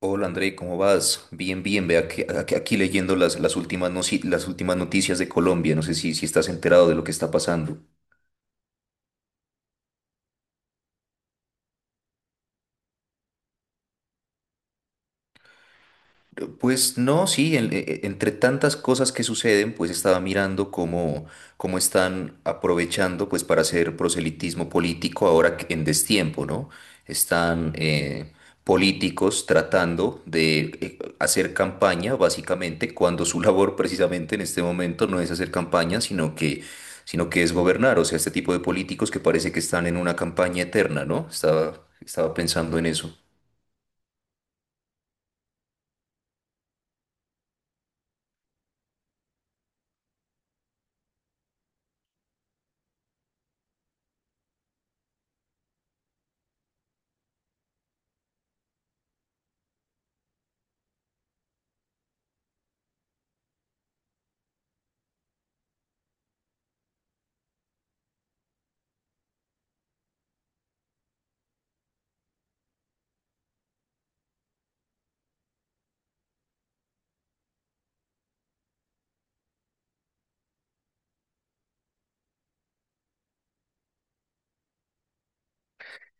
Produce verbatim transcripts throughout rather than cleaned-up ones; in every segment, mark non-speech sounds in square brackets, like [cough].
Hola André, ¿cómo vas? Bien, bien, vea que aquí, aquí leyendo las, las últimas, noci- las últimas noticias de Colombia, no sé si, si estás enterado de lo que está pasando. Pues no, sí, en- e- e- entre tantas cosas que suceden, pues estaba mirando cómo, cómo están aprovechando pues para hacer proselitismo político ahora que- en destiempo, ¿no? Están eh, políticos tratando de eh, hacer campaña, básicamente, cuando su labor precisamente en este momento no es hacer campaña, sino que, sino que es gobernar. O sea, este tipo de políticos que parece que están en una campaña eterna, ¿no? Estaba, estaba pensando en eso.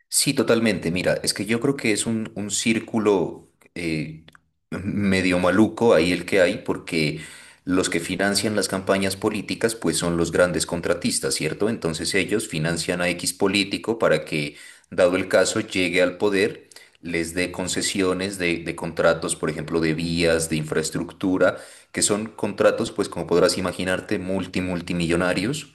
Sí, totalmente. Mira, es que yo creo que es un, un círculo eh, medio maluco ahí el que hay, porque los que financian las campañas políticas, pues son los grandes contratistas, ¿cierto? Entonces ellos financian a X político para que, dado el caso, llegue al poder, les dé concesiones de, de contratos, por ejemplo, de vías, de infraestructura, que son contratos, pues como podrás imaginarte, multi, multimillonarios.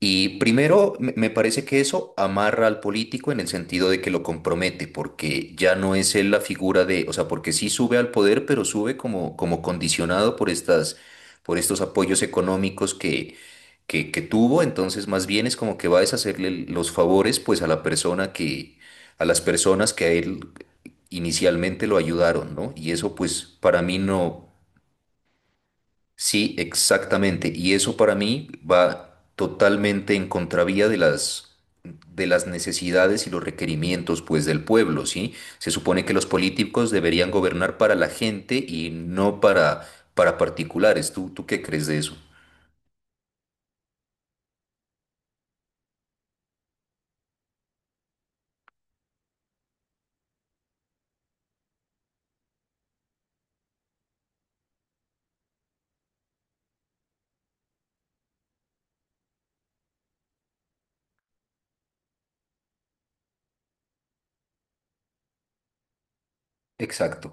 Y primero, me me parece que eso amarra al político en el sentido de que lo compromete, porque ya no es él la figura de, o sea, porque sí sube al poder, pero sube como, como condicionado por estas, por estos apoyos económicos que, que, que tuvo, entonces más bien es como que va a deshacerle los favores, pues a la persona que, a las personas que a él inicialmente lo ayudaron, ¿no? Y eso, pues, para mí no. Sí, exactamente. Y eso para mí va totalmente en contravía de las de las necesidades y los requerimientos pues del pueblo, ¿sí? Se supone que los políticos deberían gobernar para la gente y no para para particulares. ¿Tú tú qué crees de eso? Exacto.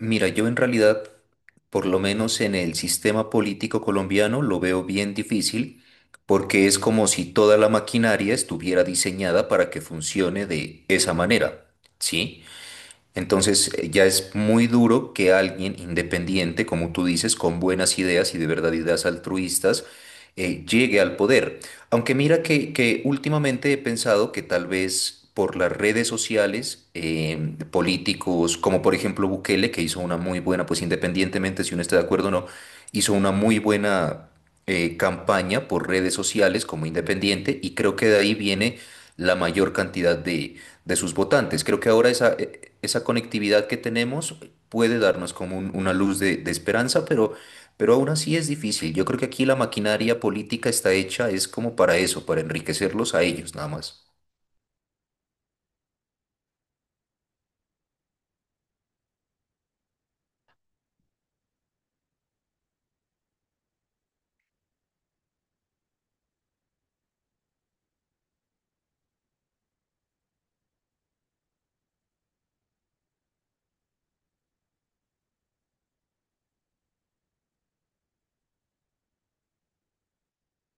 Mira, yo en realidad, por lo menos en el sistema político colombiano, lo veo bien difícil porque es como si toda la maquinaria estuviera diseñada para que funcione de esa manera, ¿sí? Entonces eh, ya es muy duro que alguien independiente, como tú dices, con buenas ideas y de verdad ideas altruistas, eh, llegue al poder. Aunque mira que, que últimamente he pensado que tal vez por las redes sociales, eh, políticos como por ejemplo Bukele, que hizo una muy buena, pues independientemente si uno está de acuerdo o no, hizo una muy buena eh, campaña por redes sociales como independiente y creo que de ahí viene la mayor cantidad de, de sus votantes. Creo que ahora esa, eh, esa conectividad que tenemos puede darnos como un- una luz de, de esperanza, pero, pero aún así es difícil. Yo creo que aquí la maquinaria política está hecha, es como para eso, para enriquecerlos a ellos nada más.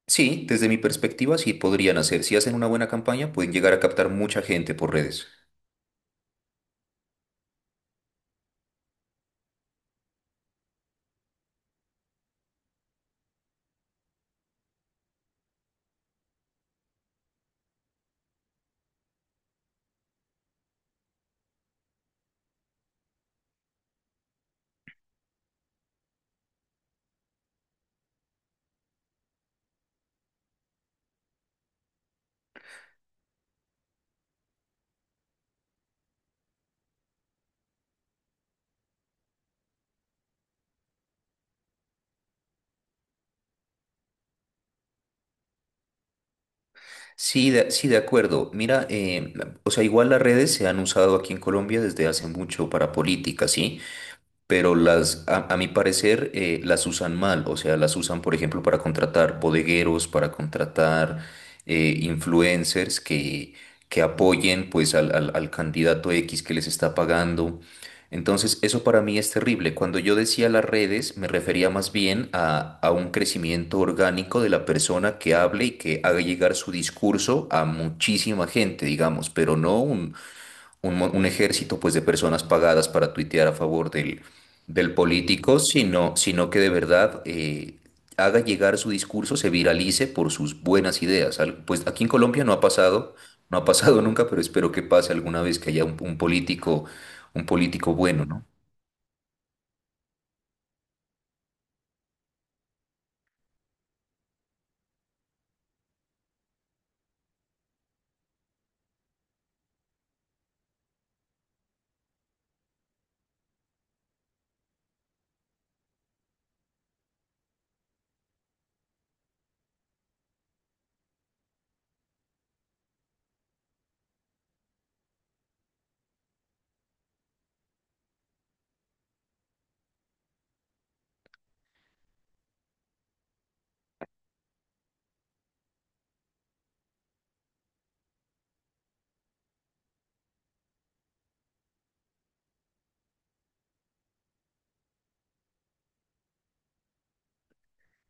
Sí, desde mi perspectiva sí podrían hacer. Si hacen una buena campaña, pueden llegar a captar mucha gente por redes. Sí, de, sí, de acuerdo. Mira, eh, la- o sea, igual las redes se han usado aquí en Colombia desde hace mucho para política, ¿sí? Pero las, a, a mi parecer, eh, las usan mal. O sea, las usan, por ejemplo, para contratar bodegueros, para contratar eh, influencers que, que apoyen pues al, al, al candidato X que les está pagando. Entonces, eso para mí es terrible. Cuando yo decía las redes, me refería más bien a, a un crecimiento orgánico de la persona que hable y que haga llegar su discurso a muchísima gente, digamos, pero no un, un, mo- un ejército pues de personas pagadas para tuitear a favor del, del político, sino, sino que de verdad eh, haga llegar su discurso, se viralice por sus buenas ideas. Al- Pues aquí en Colombia no ha pasado, no ha pasado [laughs] nunca, pero espero que pase alguna vez que haya un, un político, un político bueno, ¿no?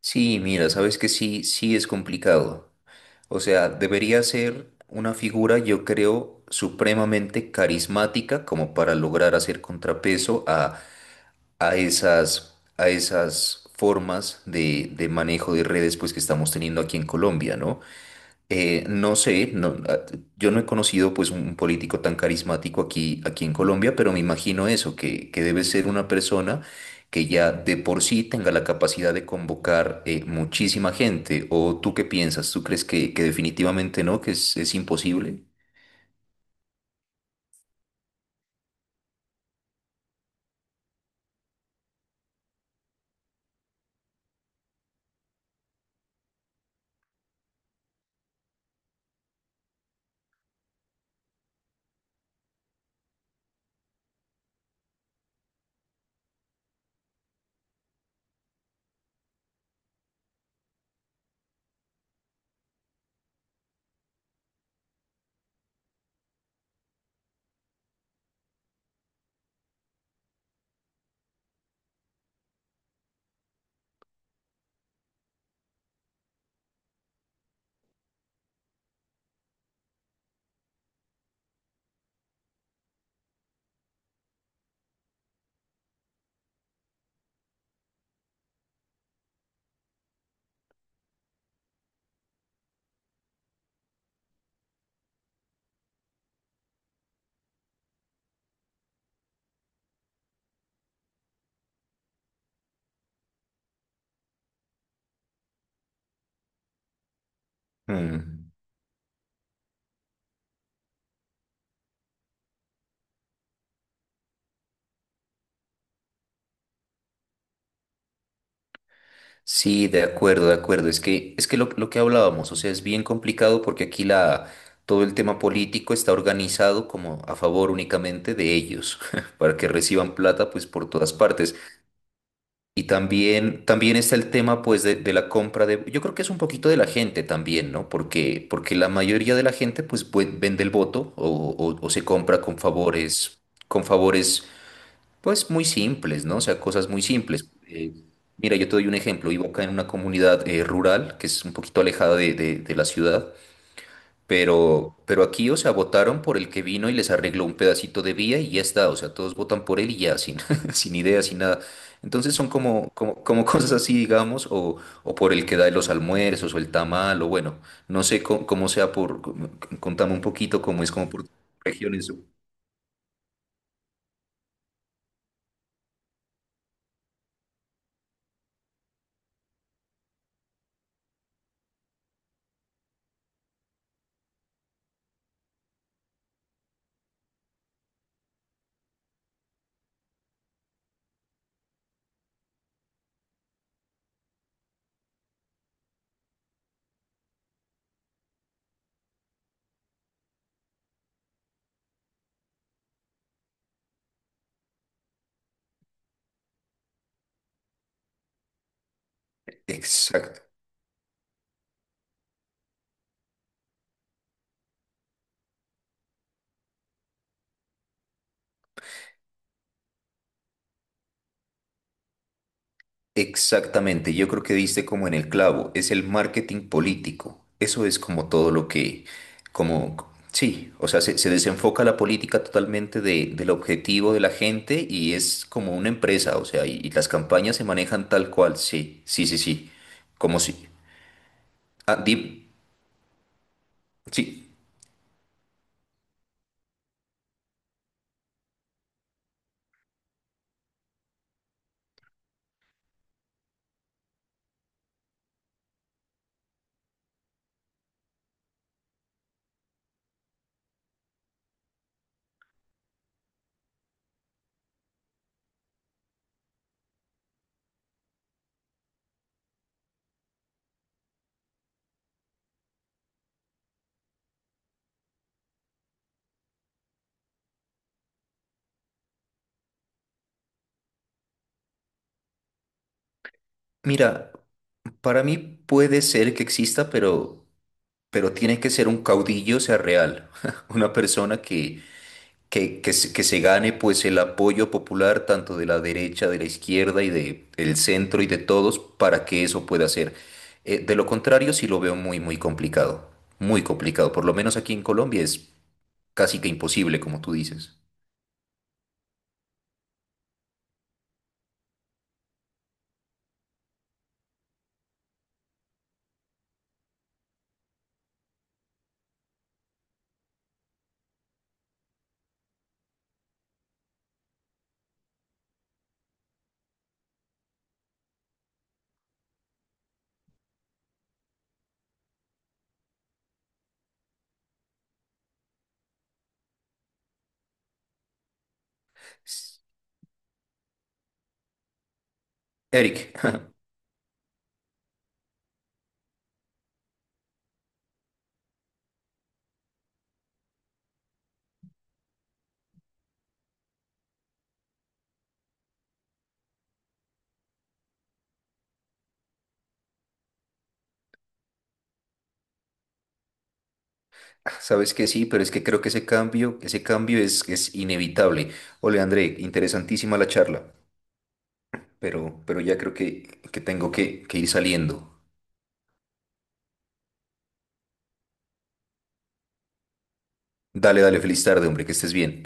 Sí, mira, sabes que sí, sí es complicado. O sea, debería ser una figura, yo creo, supremamente carismática como para lograr hacer contrapeso a a esas, a esas formas de, de manejo de redes pues, que estamos teniendo aquí en Colombia, ¿no? Eh, no sé, no, ah, yo no he conocido pues, un político tan carismático aquí, aquí en Colombia, pero me imagino eso, que, que debe ser una persona que ya de por sí tenga la capacidad de convocar eh, muchísima gente. ¿O tú qué piensas? ¿Tú crees que, que definitivamente no, que es, es imposible? Mm. Sí, de acuerdo, de acuerdo. Es que, es que lo, lo que hablábamos, o sea, es bien complicado porque aquí la, todo el tema político está organizado como a favor únicamente de ellos, [laughs] para que reciban plata pues por todas partes. Y también, también está el tema pues de, de la compra de, yo creo que es un poquito de la gente también, ¿no? Porque, porque la mayoría de la gente pues, pues, vende el voto o, o o se compra con favores, con favores pues muy simples, ¿no? O sea, cosas muy simples. Eh, mira, yo te doy un ejemplo. Vivo acá en una comunidad eh, rural que es un poquito alejada de, de- de la ciudad, pero, pero aquí, o sea, votaron por el que vino y les arregló un pedacito de vía y ya está. O sea, todos votan por él y ya, sin, [laughs] sin idea, sin nada. Entonces son como, como, como [laughs] cosas así, digamos, o, o por el que da los almuerzos o el tamal, o bueno, no sé cómo, cómo sea por, contame un poquito cómo es como por regiones. Exacto. Exactamente, yo creo que diste como en el clavo, es el marketing político. Eso es como todo lo que, como, sí, o sea, se, se desenfoca la política totalmente de- del objetivo de la gente y es como una empresa, o sea, y, y las campañas se manejan tal cual, sí, sí, sí, sí, como si... Ah, di- sí, mira, para mí puede ser que exista, pero, pero tiene que ser un caudillo, o sea, real, [laughs] una persona que que, que se que se gane pues el apoyo popular tanto de la derecha, de la izquierda y de, el centro y de todos para que eso pueda ser. Eh, de lo contrario, sí lo veo muy, muy complicado, muy complicado. Por lo menos aquí en Colombia es casi que imposible, como tú dices. S- Eric, [laughs] sabes que sí, pero es que creo que ese cambio, ese cambio es, es inevitable. Ole, André, interesantísima la charla, pero, pero ya creo que, que tengo que, que ir saliendo. Dale, dale, feliz tarde, hombre, que estés bien.